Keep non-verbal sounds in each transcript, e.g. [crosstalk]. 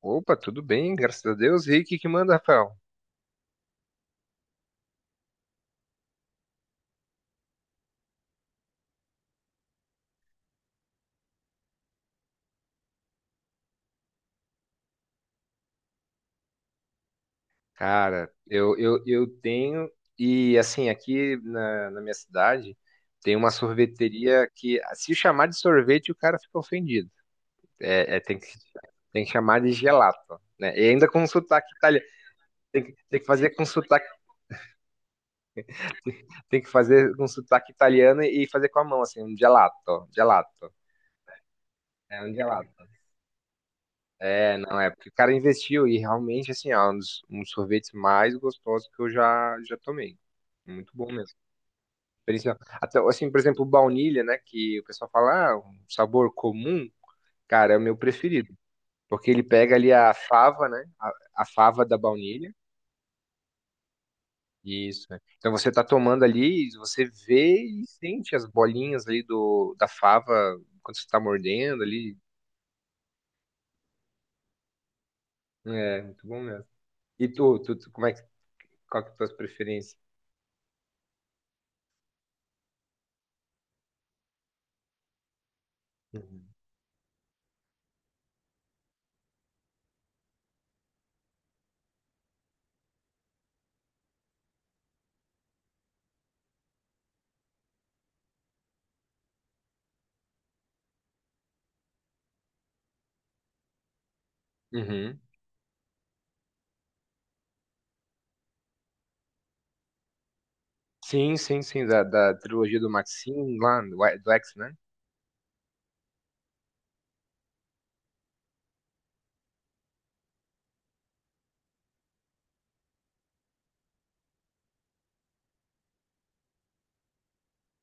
Opa, tudo bem, graças a Deus. E aí, o que que manda, Rafael? Cara, eu tenho, e assim, aqui na minha cidade, tem uma sorveteria que, se chamar de sorvete, o cara fica ofendido. É, é, tem que, tem que chamar de gelato, né? E ainda com sotaque italiano. Tem que fazer com sotaque, [laughs] tem que fazer com sotaque italiano e fazer com a mão, assim, um gelato, gelato. É um gelato. É, não, é porque o cara investiu e realmente, assim, é um dos sorvetes mais gostosos que eu já tomei. Muito bom mesmo. Principal- Até, assim, por exemplo, o baunilha, né, que o pessoal fala, ah, um sabor comum, cara, é o meu preferido. Porque ele pega ali a fava, a fava da baunilha. Isso, né? Então você tá tomando ali, você vê e sente as bolinhas ali da fava quando você tá mordendo ali. É, muito bom mesmo. E tu como é que, qual que é a tua preferência? Uhum. Uhum. Sim, sim, sim, da trilogia do Maxine lá, do X, né?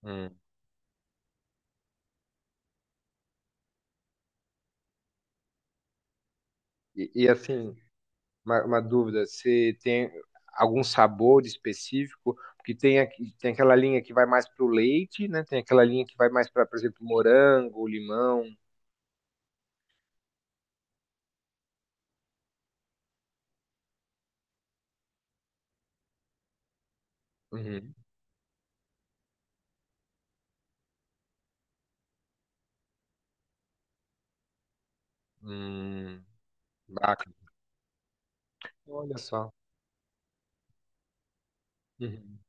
Hum. Assim, uma dúvida, você tem algum sabor específico? Porque tem, aqui- tem aquela linha que vai mais pro leite, né? Tem aquela linha que vai mais para, por exemplo, morango, limão. Uhum. Hum. Bacana. Olha só. Uhum.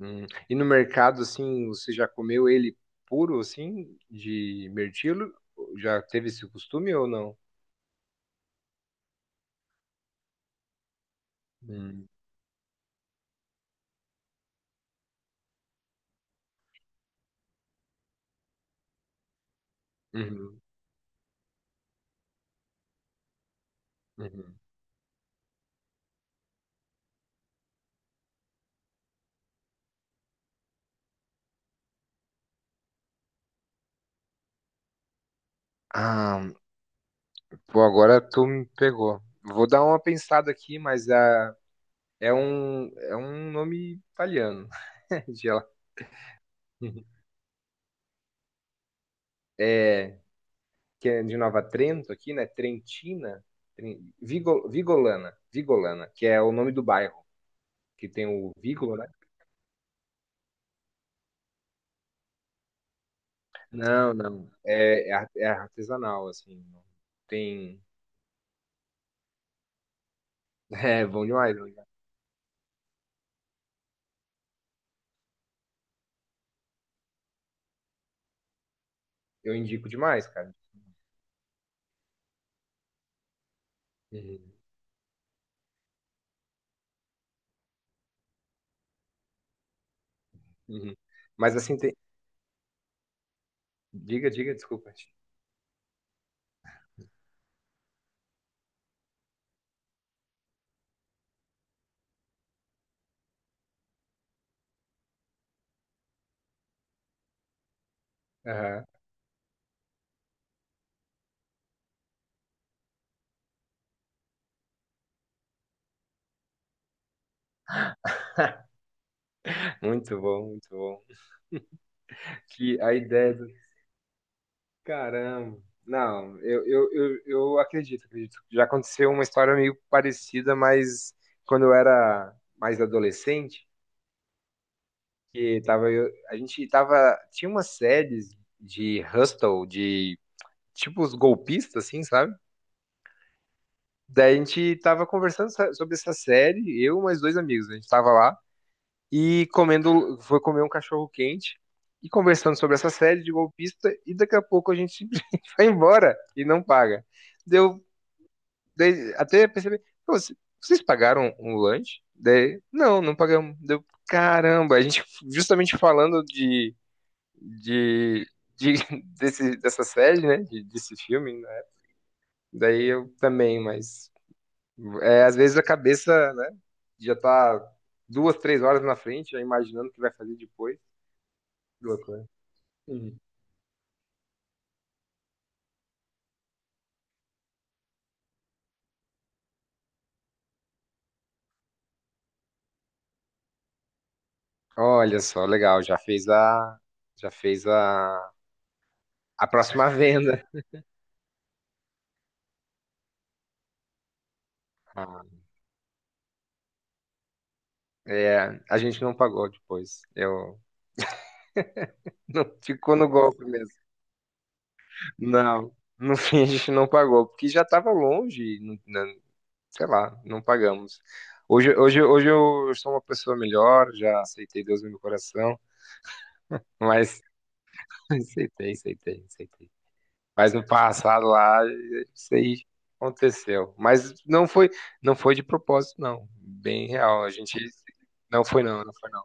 Hum. E no mercado, assim, você já comeu ele puro, assim, de mirtilo? Já teve esse costume ou não? Hum. Uhum. Uhum. Ah, pô, agora tu me pegou. Vou dar uma pensada aqui, mas é um nome italiano. [laughs] De lá. É, que é de Nova Trento aqui, né? Trentina, Tren- Vigo- Vigolana, Vigolana, que é o nome do bairro, que tem o Vigolo, né? Não, não. É, é ar- é artesanal, assim. Não tem. [laughs] É bom demais. Bom demais. Eu indico demais, cara. Uhum, uhum. Mas assim tem. Diga, diga, desculpa. Aham. Muito bom, muito bom. Que a ideia do. Caramba. Não, eu acredito, acredito. Já aconteceu uma história meio parecida, mas quando eu era mais adolescente, que tava, eu- a gente tava. Tinha umas séries de Hustle, de tipo os golpistas, assim, sabe? Daí a gente tava conversando so- sobre essa série, eu e mais dois amigos. A gente tava lá. E comendo, foi comer um cachorro quente e conversando sobre essa série de golpista e daqui a pouco a gente simplesmente [laughs] vai embora e não paga. Deu daí até perceber, "Pô, c- vocês pagaram um lanche? Daí, não, não pagamos. Deu, caramba, a gente justamente falando de, de [laughs] dessa série, né, de- desse filme, né? Daí eu também, mas é, às vezes a cabeça, né, já tá duas, três horas na frente, já imaginando o que vai fazer depois. Loucura. Uhum. Olha só, legal, já fez a próxima [laughs] venda. Ah, é, a gente não pagou depois. Eu [laughs] não ficou no golpe mesmo. Não, no fim a gente não pagou, porque já estava longe, não- não- sei lá, não pagamos. Hoje eu sou uma pessoa melhor, já aceitei Deus no meu coração, mas [laughs] aceitei, aceitei, aceitei. Mas no passado lá, isso aí aconteceu. Mas não foi, não foi de propósito, não. Bem real. A gente não foi não, não foi não.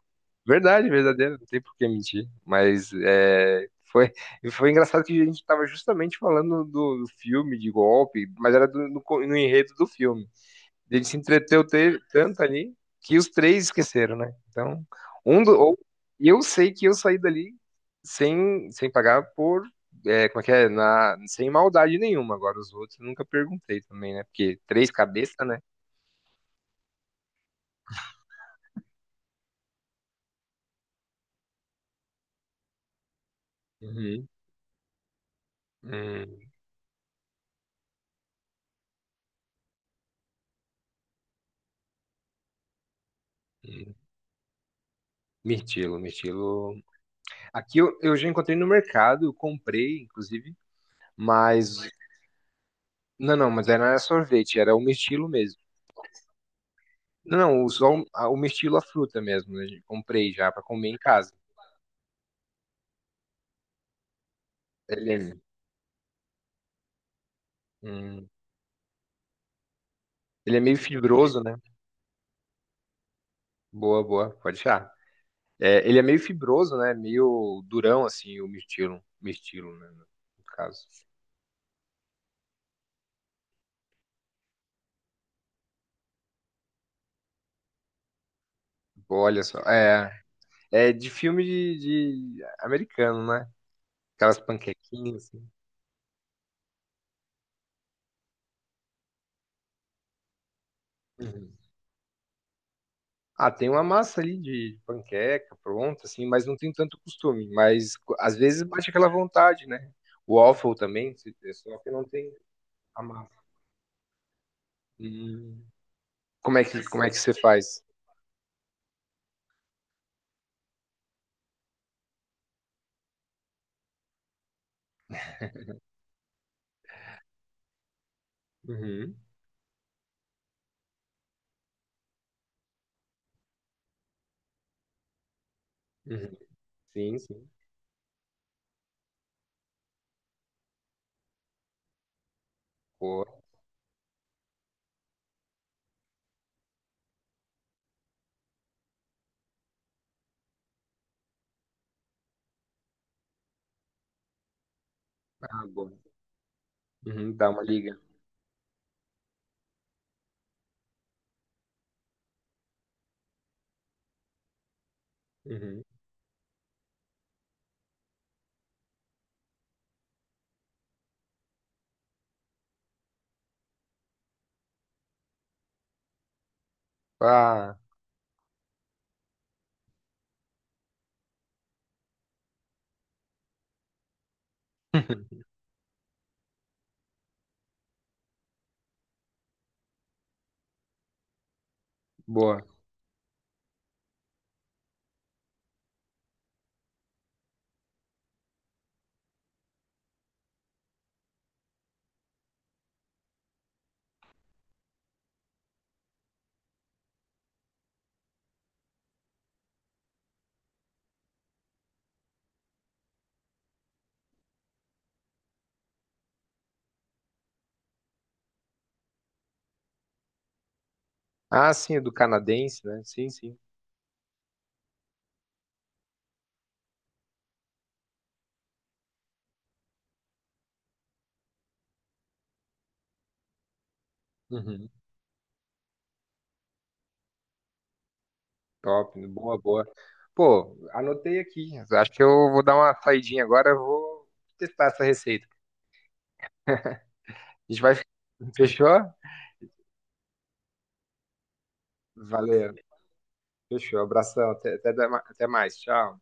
Verdade, verdadeira, não tem por que mentir. Mas é, foi, e foi engraçado que a gente estava justamente falando do filme de golpe, mas era do, no, co- no enredo do filme. Ele se entreteu te- tanto ali que os três esqueceram, né? Então, um do, ou, e eu sei que eu saí dali sem, sem pagar por. É, como é que é? Na, sem maldade nenhuma. Agora, os outros eu nunca perguntei também, né? Porque três cabeças, né? Uhum. Hum, hum. Mirtilo, mirtilo. Aqui eu já encontrei no mercado, eu comprei, inclusive, mas. Não, não, mas era sorvete, era o mirtilo mesmo. Não, não, só o mirtilo, a fruta mesmo, né? Comprei já pra comer em casa. Ele é, hum, ele é meio fibroso, né? Boa, boa, pode achar. É, ele é meio fibroso, né? Meio durão, assim, o mirtilo, mirtilo, né? No caso. Boa, olha só. É, é de filme de americano, né? Aquelas panquequinhas, assim. Uhum. Ah, tem uma massa ali de panqueca pronta, assim, mas não tem tanto costume. Mas co- às vezes bate aquela vontade, né? O waffle também, se- é só que não tem a massa. Hum. Como é que você faz? Uhum. Sim, sim. Boa. Ah, boa. Uhum, dá uma liga. Uhum. Ah, [laughs] boa. Ah, sim, é do canadense, né? Sim, sim. Uhum. Top, boa, boa. Pô, anotei aqui. Acho que eu vou dar uma saidinha agora. Eu Vou testar essa receita. A gente vai. [laughs] Fechou? Valeu. Fechou. Abração. Até mais. Tchau.